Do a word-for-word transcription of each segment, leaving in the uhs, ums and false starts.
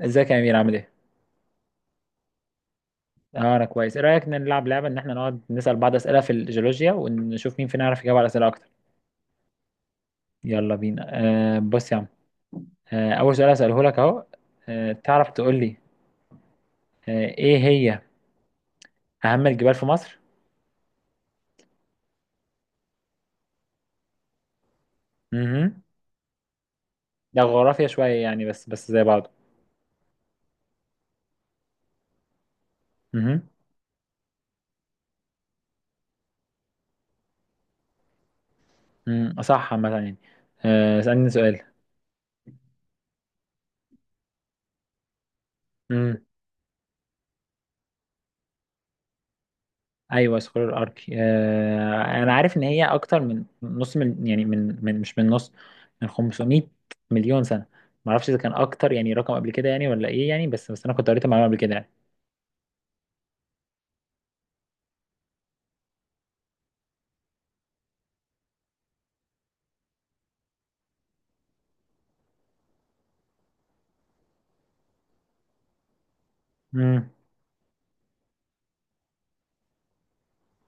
ازيك يا امير عامل ايه؟ اه انا كويس، ايه رايك نلعب لعبه ان احنا نقعد نسال بعض اسئله في الجيولوجيا ونشوف مين فينا يعرف يجاوب على اسئله اكتر، يلا بينا، آه بص يا عم. آه اول سؤال هساله لك اهو. آه تعرف تقول لي آه ايه هي اهم الجبال في مصر؟ اها. ده جغرافيا شويه يعني بس بس زي بعضه. اها. امم صح عامه يعني. آه اسالني سؤال. ايوه سكرول ارك، آه انا عارف ان هي اكتر من نص من يعني من, من مش من نص، من خمسمئة مليون سنه. ما اعرفش اذا كان اكتر يعني رقم قبل كده يعني ولا ايه يعني، بس بس انا كنت قريت المعلومه قبل كده يعني. امم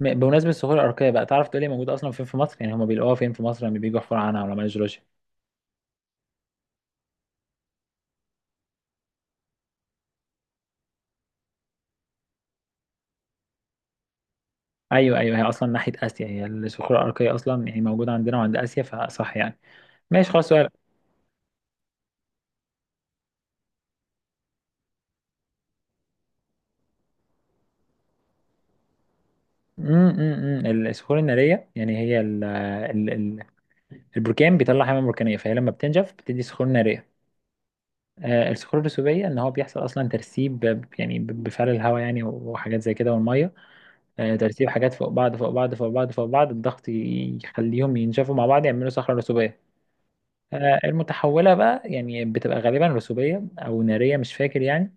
م- بمناسبه الصخور الاركيه بقى، تعرف تقول لي موجوده اصلا فين في مصر؟ يعني هم بيلاقوها فين في مصر لما بييجوا يحفروا عنها علماء الجيولوجيا؟ ايوه ايوه، هي اصلا ناحيه اسيا، هي الصخور الاركيه اصلا يعني موجوده عندنا وعند اسيا فصح يعني. ماشي خلاص، سؤال. امم الصخور الناريه يعني هي ال- ال- ال- البركان بيطلع حمم بركانيه، فهي لما بتنجف بتدي صخور ناريه. آه، الصخور الرسوبيه ان هو بيحصل اصلا ترسيب ب- يعني ب- بفعل الهواء يعني وحاجات زي كده والميه. آه، ترسيب حاجات فوق بعض فوق بعض فوق بعض فوق بعض، الضغط ي- يخليهم ينشفوا مع بعض يعملوا صخره رسوبيه. آه، المتحوله بقى يعني بتبقى غالبا رسوبيه او ناريه، مش فاكر يعني.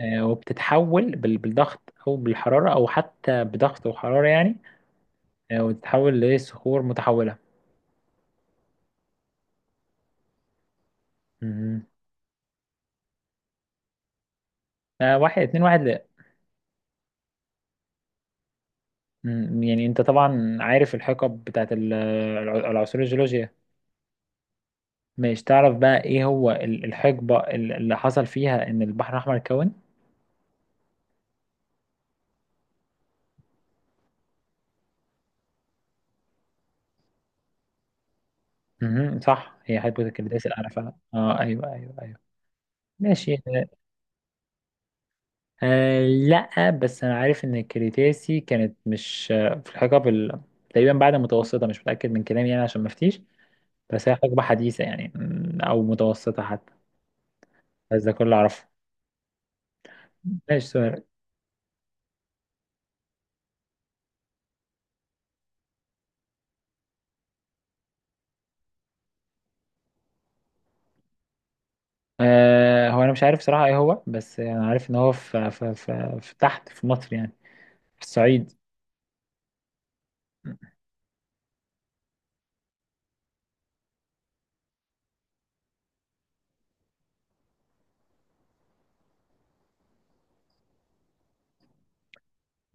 آه، وبتتحول بال- بالضغط او بالحراره او حتى بضغط وحراره يعني، آه، وتتحول لصخور متحوله. مهم. آه، واحد اتنين واحد. مم، يعني انت طبعا عارف الحقب بتاعت ال- الع- العصور الجيولوجية. مش تعرف بقى ايه هو ال- الحقبة ال- اللي حصل فيها ان البحر الاحمر اتكون؟ مهم، صح، هي هيبوثيكاليديز الاعلى فعلا، اه ايوه ايوه ايوه. ماشي. آه لا، بس انا عارف ان الكريتاسي كانت مش آه، في الحقب ال- تقريبا بعد المتوسطة، مش متأكد من كلامي يعني عشان ما افتيش. بس هي حقبة حديثة يعني، مم، او متوسطة حتى. بس ده كله اعرفه. ماشي، سؤال. آه هو انا مش عارف صراحة ايه هو، بس انا عارف ان هو في في في, في تحت في مصر يعني، في الصعيد.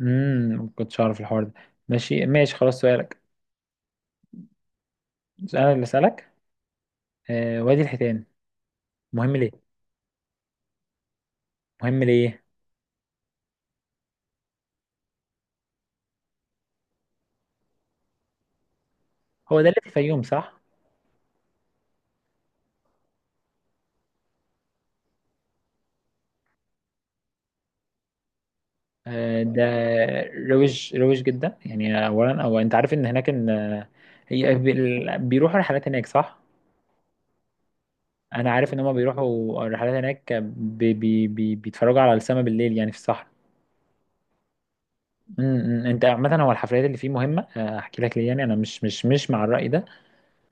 امم ما كنتش اعرف الحوار ده. ماشي ماشي، خلاص سؤالك. انا اللي اسالك. آه وادي الحيتان، مهم ليه؟ مهم ليه؟ هو ده اللي في الفيوم صح؟ آه ده روج روج جدا يعني. اولا، او انت عارف ان هناك ان آه، هي بي- بيروحوا رحلات هناك صح؟ انا عارف ان هم بيروحوا رحلات هناك بي بي بي بيتفرجوا على السماء بالليل يعني في الصحراء. امم إمم. انت عامه هو الحفلات اللي فيه مهمه، آه، احكي لك ليه يعني. انا مش مش مش مع الراي ده،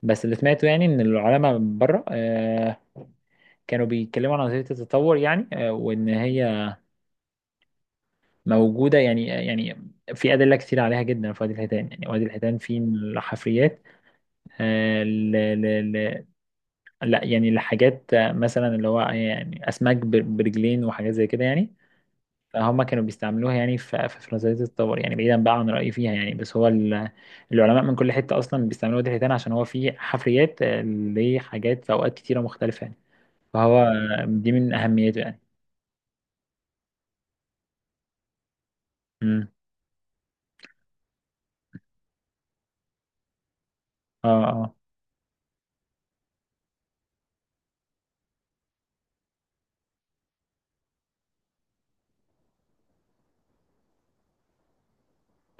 بس اللي سمعته يعني ان العلماء بره، آه، كانوا بيتكلموا عن نظريه التطور يعني، آه، وان هي موجوده يعني، آه، يعني في ادله كتير عليها جدا في وادي الحيتان يعني. وادي الحيتان فيه الحفريات آه، ل ل ل لا يعني، لحاجات آه، مثلا اللي هو يعني اسماك بر- برجلين وحاجات زي كده يعني. فهم كانوا بيستعملوها يعني في في فرنساوية الطور يعني، بعيدا بقى عن رأيي فيها يعني. بس هو ال- العلماء من كل حتة أصلا بيستعملوا واد الحيتان عشان هو فيه حفريات، آه، لحاجات في أوقات كتيرة مختلفة يعني. فهو، آه، دي من أهميته يعني. مم. اه اه،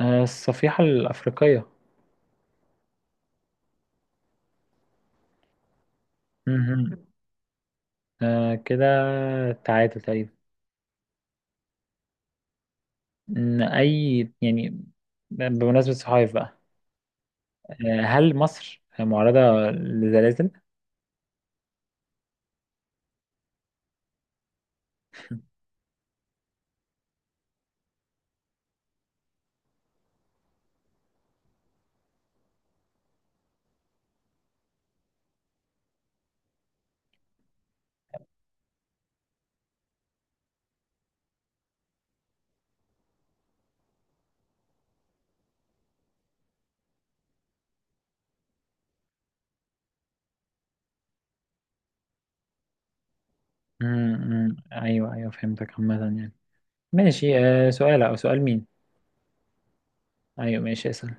آه، الصفيحة الأفريقية. مهم. آه كده تعادل تقريبا. إن أي يعني، بمناسبة الصحايف بقى، آه، هل مصر معرضة لزلازل؟ مم، مم. أيوه أيوه فهمتك عامة يعني. ماشي، آه سؤال، أو سؤال مين؟ أيوة ماشي، اسأل.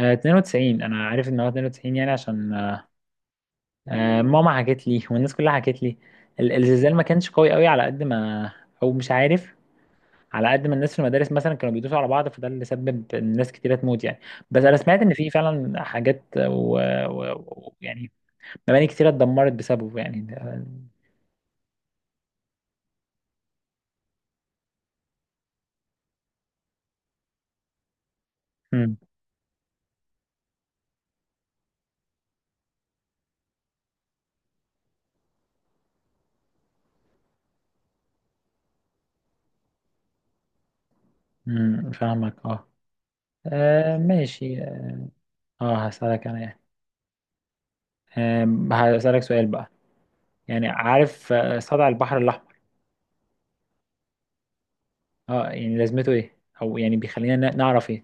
آه اتنين وتسعين، أنا عارف إن هو اتنين وتسعين يعني، عشان آه آه، ماما حكت لي والناس كلها حكت لي. ال- الزلزال ما كانش قوي قوي على قد ما، أو مش عارف، على قد ما الناس في المدارس مثلا كانوا بيدوسوا على بعض، فده اللي سبب إن ناس كتيرة تموت يعني. بس أنا سمعت إن في فعلا حاجات ويعني مباني كتيرة اتدمرت بسببه يعني ده. مم، مم، فاهمك اه. آه، ماشي. اه هسألك أنا يعني، آه هسألك سؤال بقى، يعني عارف آه، صدع البحر الأحمر؟ اه يعني لازمته ايه، او يعني بيخلينا ن- نعرف ايه؟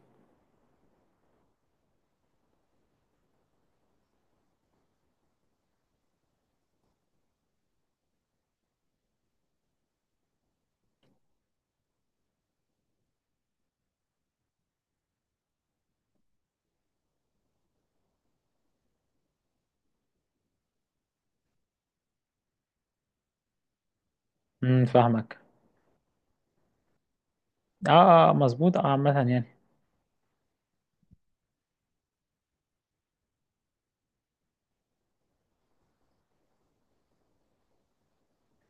امم فاهمك اه اه، آه، مظبوط اه عامة يعني.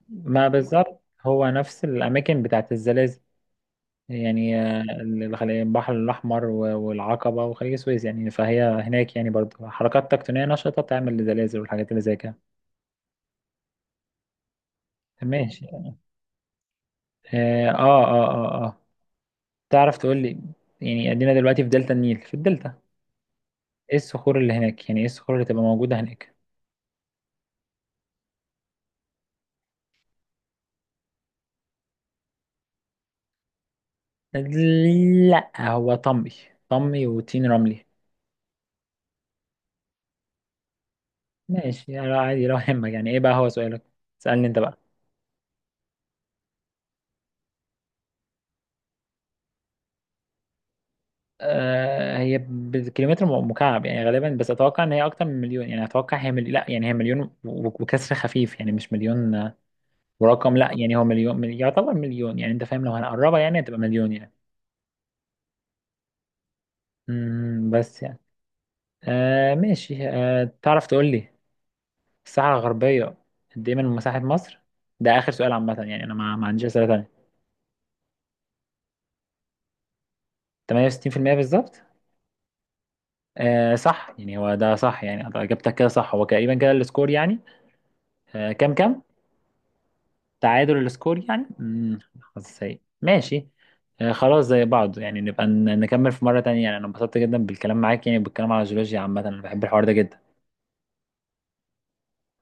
ما بالظبط هو نفس الأماكن بتاعت الزلازل يعني، آه، ال- الخليج- البحر الأحمر و- والعقبة وخليج السويس يعني، فهي هناك يعني برضو حركات تكتونية نشطة بتعمل الزلازل والحاجات اللي زي كده. ماشي اه اه اه اه آه. تعرف تقول لي، يعني ادينا دلوقتي في دلتا النيل، في الدلتا، ايه الصخور اللي هناك؟ يعني ايه الصخور اللي تبقى موجودة هناك؟ لا هو طمي، طمي وطين رملي. ماشي يعني، عادي لو يهمك يعني ايه بقى هو سؤالك. سألني انت بقى. آه هي بالكيلومتر م- مكعب يعني غالبا، بس اتوقع ان هي اكتر من مليون يعني. اتوقع هي ملي... لا يعني هي مليون و- وكسر خفيف يعني، مش مليون، آه، ورقم، لا يعني هو مليون، مل- يعتبر مليون يعني. انت فاهم لو هنقربها يعني هتبقى مليون يعني. امم بس يعني. آه ماشي، آه تعرف تقول لي الساحة الغربية قد ايه من مساحة مصر؟ ده اخر سؤال عامة يعني، انا ما ما عنديش اسئلة تانية. تمنية وستين في المية بالظبط؟ آه صح يعني، هو ده صح يعني، أنت اجابتك كده صح. هو تقريبا كده السكور يعني. آه كام كام؟ تعادل السكور يعني، امم حظ سيء. ماشي، آه خلاص زي بعض يعني، نبقى ن- نكمل في مرة تانية يعني. انا انبسطت جدا بالكلام معاك يعني، بالكلام على الجيولوجيا عامة انا بحب الحوار ده جدا.